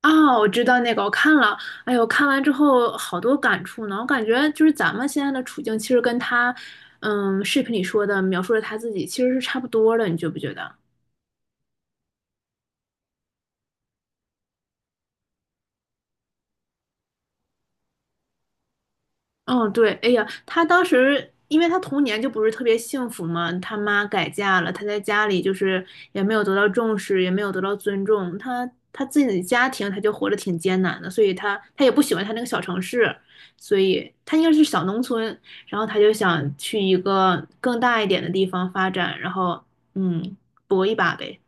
啊，我知道那个，我看了，哎呦，看完之后好多感触呢。我感觉就是咱们现在的处境，其实跟他，视频里说的描述的他自己其实是差不多的，你觉不觉得？哦，对，哎呀，他当时因为他童年就不是特别幸福嘛，他妈改嫁了，他在家里就是也没有得到重视，也没有得到尊重，他自己的家庭他就活得挺艰难的，所以他也不喜欢他那个小城市，所以他应该是小农村，然后他就想去一个更大一点的地方发展，然后嗯，搏一把呗。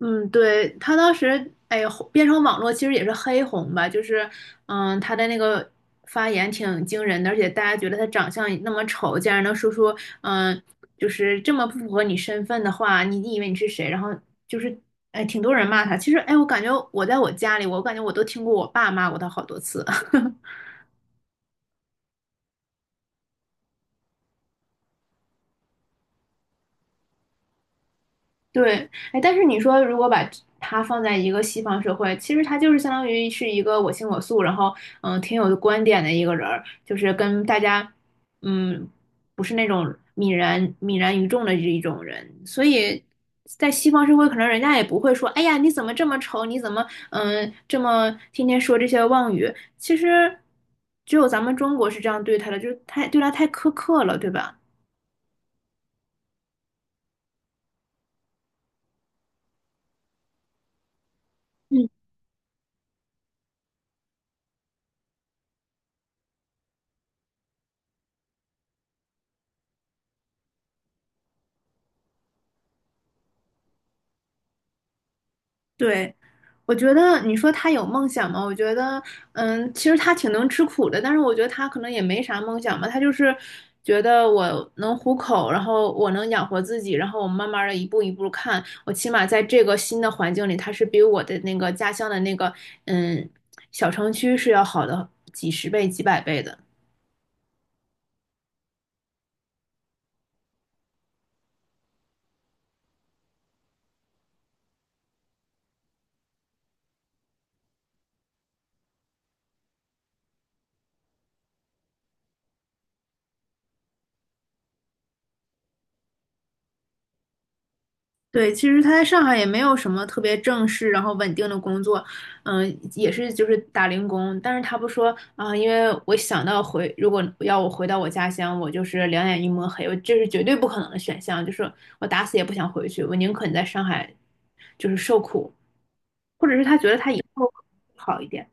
嗯，对，他当时，哎，红变成网络其实也是黑红吧，就是，他的那个发言挺惊人的，而且大家觉得他长相那么丑，竟然能说出，嗯，就是这么不符合你身份的话，你以为你是谁？然后就是，哎，挺多人骂他。其实，哎，我感觉我在我家里，我感觉我都听过我爸骂过他好多次。对，哎，但是你说如果把他放在一个西方社会，其实他就是相当于是一个我行我素，然后挺有观点的一个人儿，就是跟大家嗯不是那种泯然于众的这一种人，所以在西方社会，可能人家也不会说，哎呀你怎么这么丑，你怎么这么天天说这些妄语，其实只有咱们中国是这样对他的，就是太对他太苛刻了，对吧？嗯。对，我觉得你说他有梦想吗？我觉得，其实他挺能吃苦的，但是我觉得他可能也没啥梦想吧，他就是觉得我能糊口，然后我能养活自己，然后我慢慢的一步一步看，我起码在这个新的环境里，他是比我的那个家乡的那个嗯小城区是要好的几十倍、几百倍的。对，其实他在上海也没有什么特别正式，然后稳定的工作，也是就是打零工。但是他不说啊，因为我想到回，如果要我回到我家乡，我就是两眼一抹黑，我这是绝对不可能的选项，就是我打死也不想回去，我宁肯在上海就是受苦好一点。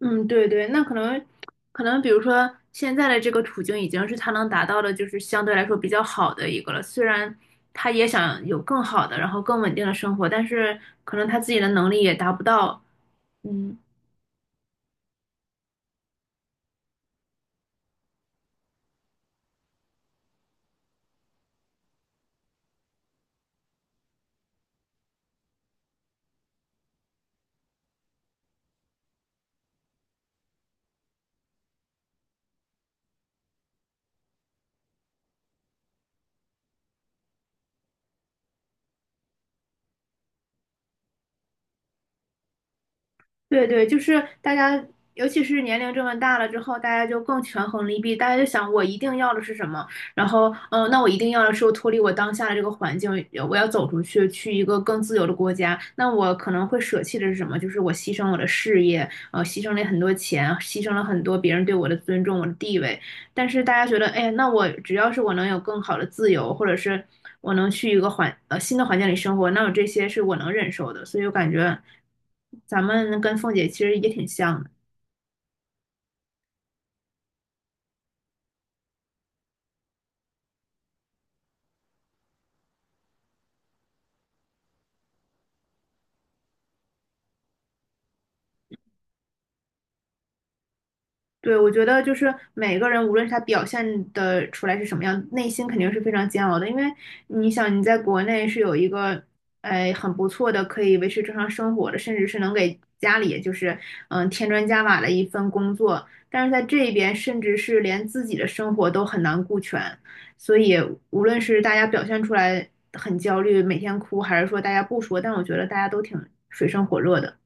嗯，对对，那可能可能，比如说现在的这个处境已经是他能达到的，就是相对来说比较好的一个了。虽然他也想有更好的，然后更稳定的生活，但是可能他自己的能力也达不到。嗯，对对，就是大家，尤其是年龄这么大了之后，大家就更权衡利弊，大家就想我一定要的是什么，然后，那我一定要的是我脱离我当下的这个环境，我要走出去，去一个更自由的国家，那我可能会舍弃的是什么？就是我牺牲我的事业，牺牲了很多钱，牺牲了很多别人对我的尊重，我的地位，但是大家觉得，哎，那我只要是我能有更好的自由，或者是我能去一个新的环境里生活，那我这些是我能忍受的。所以我感觉咱们跟凤姐其实也挺像的。对，我觉得就是每个人，无论是他表现的出来是什么样，内心肯定是非常煎熬的。因为你想，你在国内是有一个，哎，很不错的可以维持正常生活的，甚至是能给家里就是添砖加瓦的一份工作，但是在这边，甚至是连自己的生活都很难顾全。所以，无论是大家表现出来很焦虑，每天哭，还是说大家不说，但我觉得大家都挺水深火热的。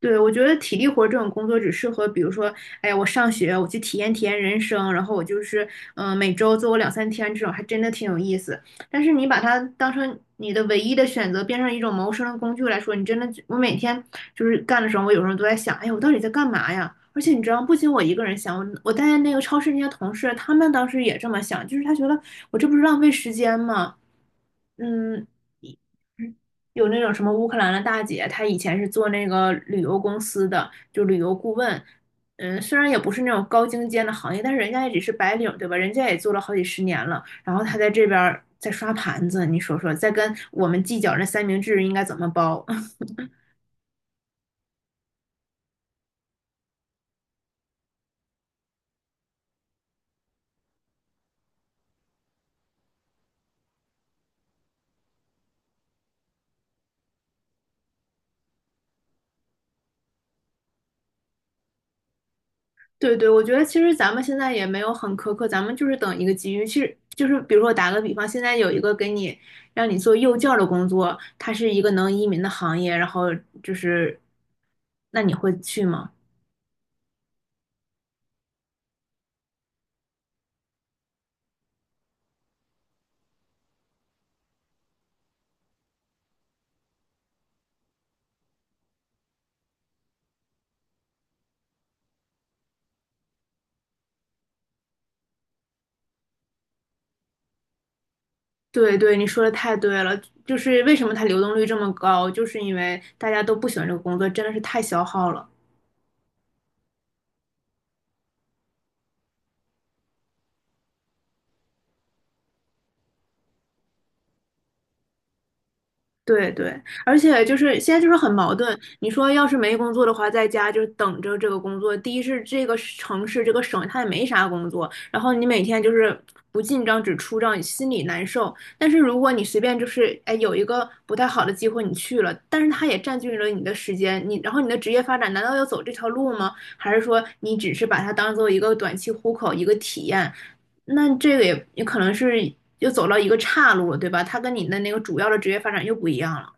对，我觉得体力活这种工作只适合，比如说，哎，我上学，我去体验体验人生，然后我就是，每周做我两三天这种，还真的挺有意思。但是你把它当成你的唯一的选择，变成一种谋生的工具来说，你真的就，我每天就是干的时候，我有时候都在想，哎，我到底在干嘛呀？而且你知道，不仅我一个人想，我带那个超市那些同事，他们当时也这么想，就是他觉得我这不是浪费时间吗？嗯，有那种什么乌克兰的大姐，她以前是做那个旅游公司的，就旅游顾问。嗯，虽然也不是那种高精尖的行业，但是人家也只是白领，对吧？人家也做了好几十年了，然后她在这边儿在刷盘子，你说说，在跟我们计较那三明治应该怎么包？对对，我觉得其实咱们现在也没有很苛刻，咱们就是等一个机遇。其实就是比如说打个比方，现在有一个给你让你做幼教的工作，它是一个能移民的行业，然后就是，那你会去吗？对对，你说的太对了，就是为什么它流动率这么高，就是因为大家都不喜欢这个工作，真的是太消耗了。对对，而且就是现在就是很矛盾。你说要是没工作的话，在家就是等着这个工作。第一是这个城市这个省它也没啥工作，然后你每天就是不进账只出账，心里难受。但是如果你随便就是哎有一个不太好的机会你去了，但是它也占据了你的时间，你然后你的职业发展难道要走这条路吗？还是说你只是把它当做一个短期糊口一个体验，那这个也可能是又走到一个岔路了，对吧？它跟你的那个主要的职业发展又不一样了。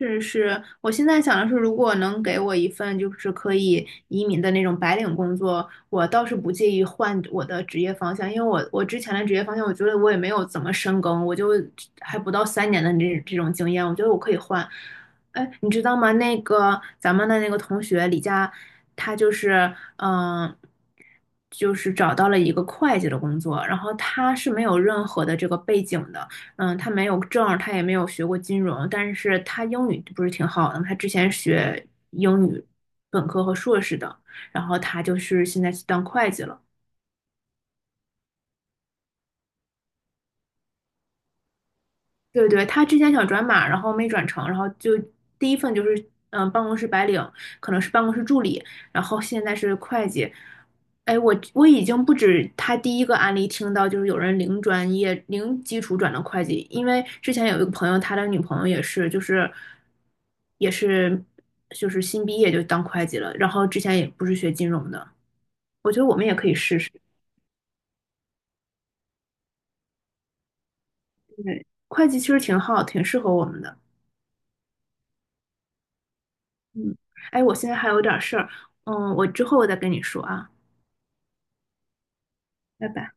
是是，我现在想的是，如果能给我一份就是可以移民的那种白领工作，我倒是不介意换我的职业方向，因为我之前的职业方向，我觉得我也没有怎么深耕，我就还不到三年的这种经验，我觉得我可以换。哎，你知道吗？那个咱们的那个同学李佳，他就是就是找到了一个会计的工作，然后他是没有任何的这个背景的。嗯，他没有证他也没有学过金融，但是他英语不是挺好的吗？他之前学英语本科和硕士的，然后他就是现在去当会计了。对对，他之前想转码，然后没转成，然后就第一份就是办公室白领，可能是办公室助理，然后现在是会计。哎，我已经不止他第一个案例听到，就是有人零专业、零基础转的会计，因为之前有一个朋友，他的女朋友也是，也是就是新毕业就当会计了，然后之前也不是学金融的，我觉得我们也可以试试，对，会计其实挺好，挺适合我们的。嗯，哎，我现在还有点事儿，嗯，我之后我再跟你说啊，拜拜。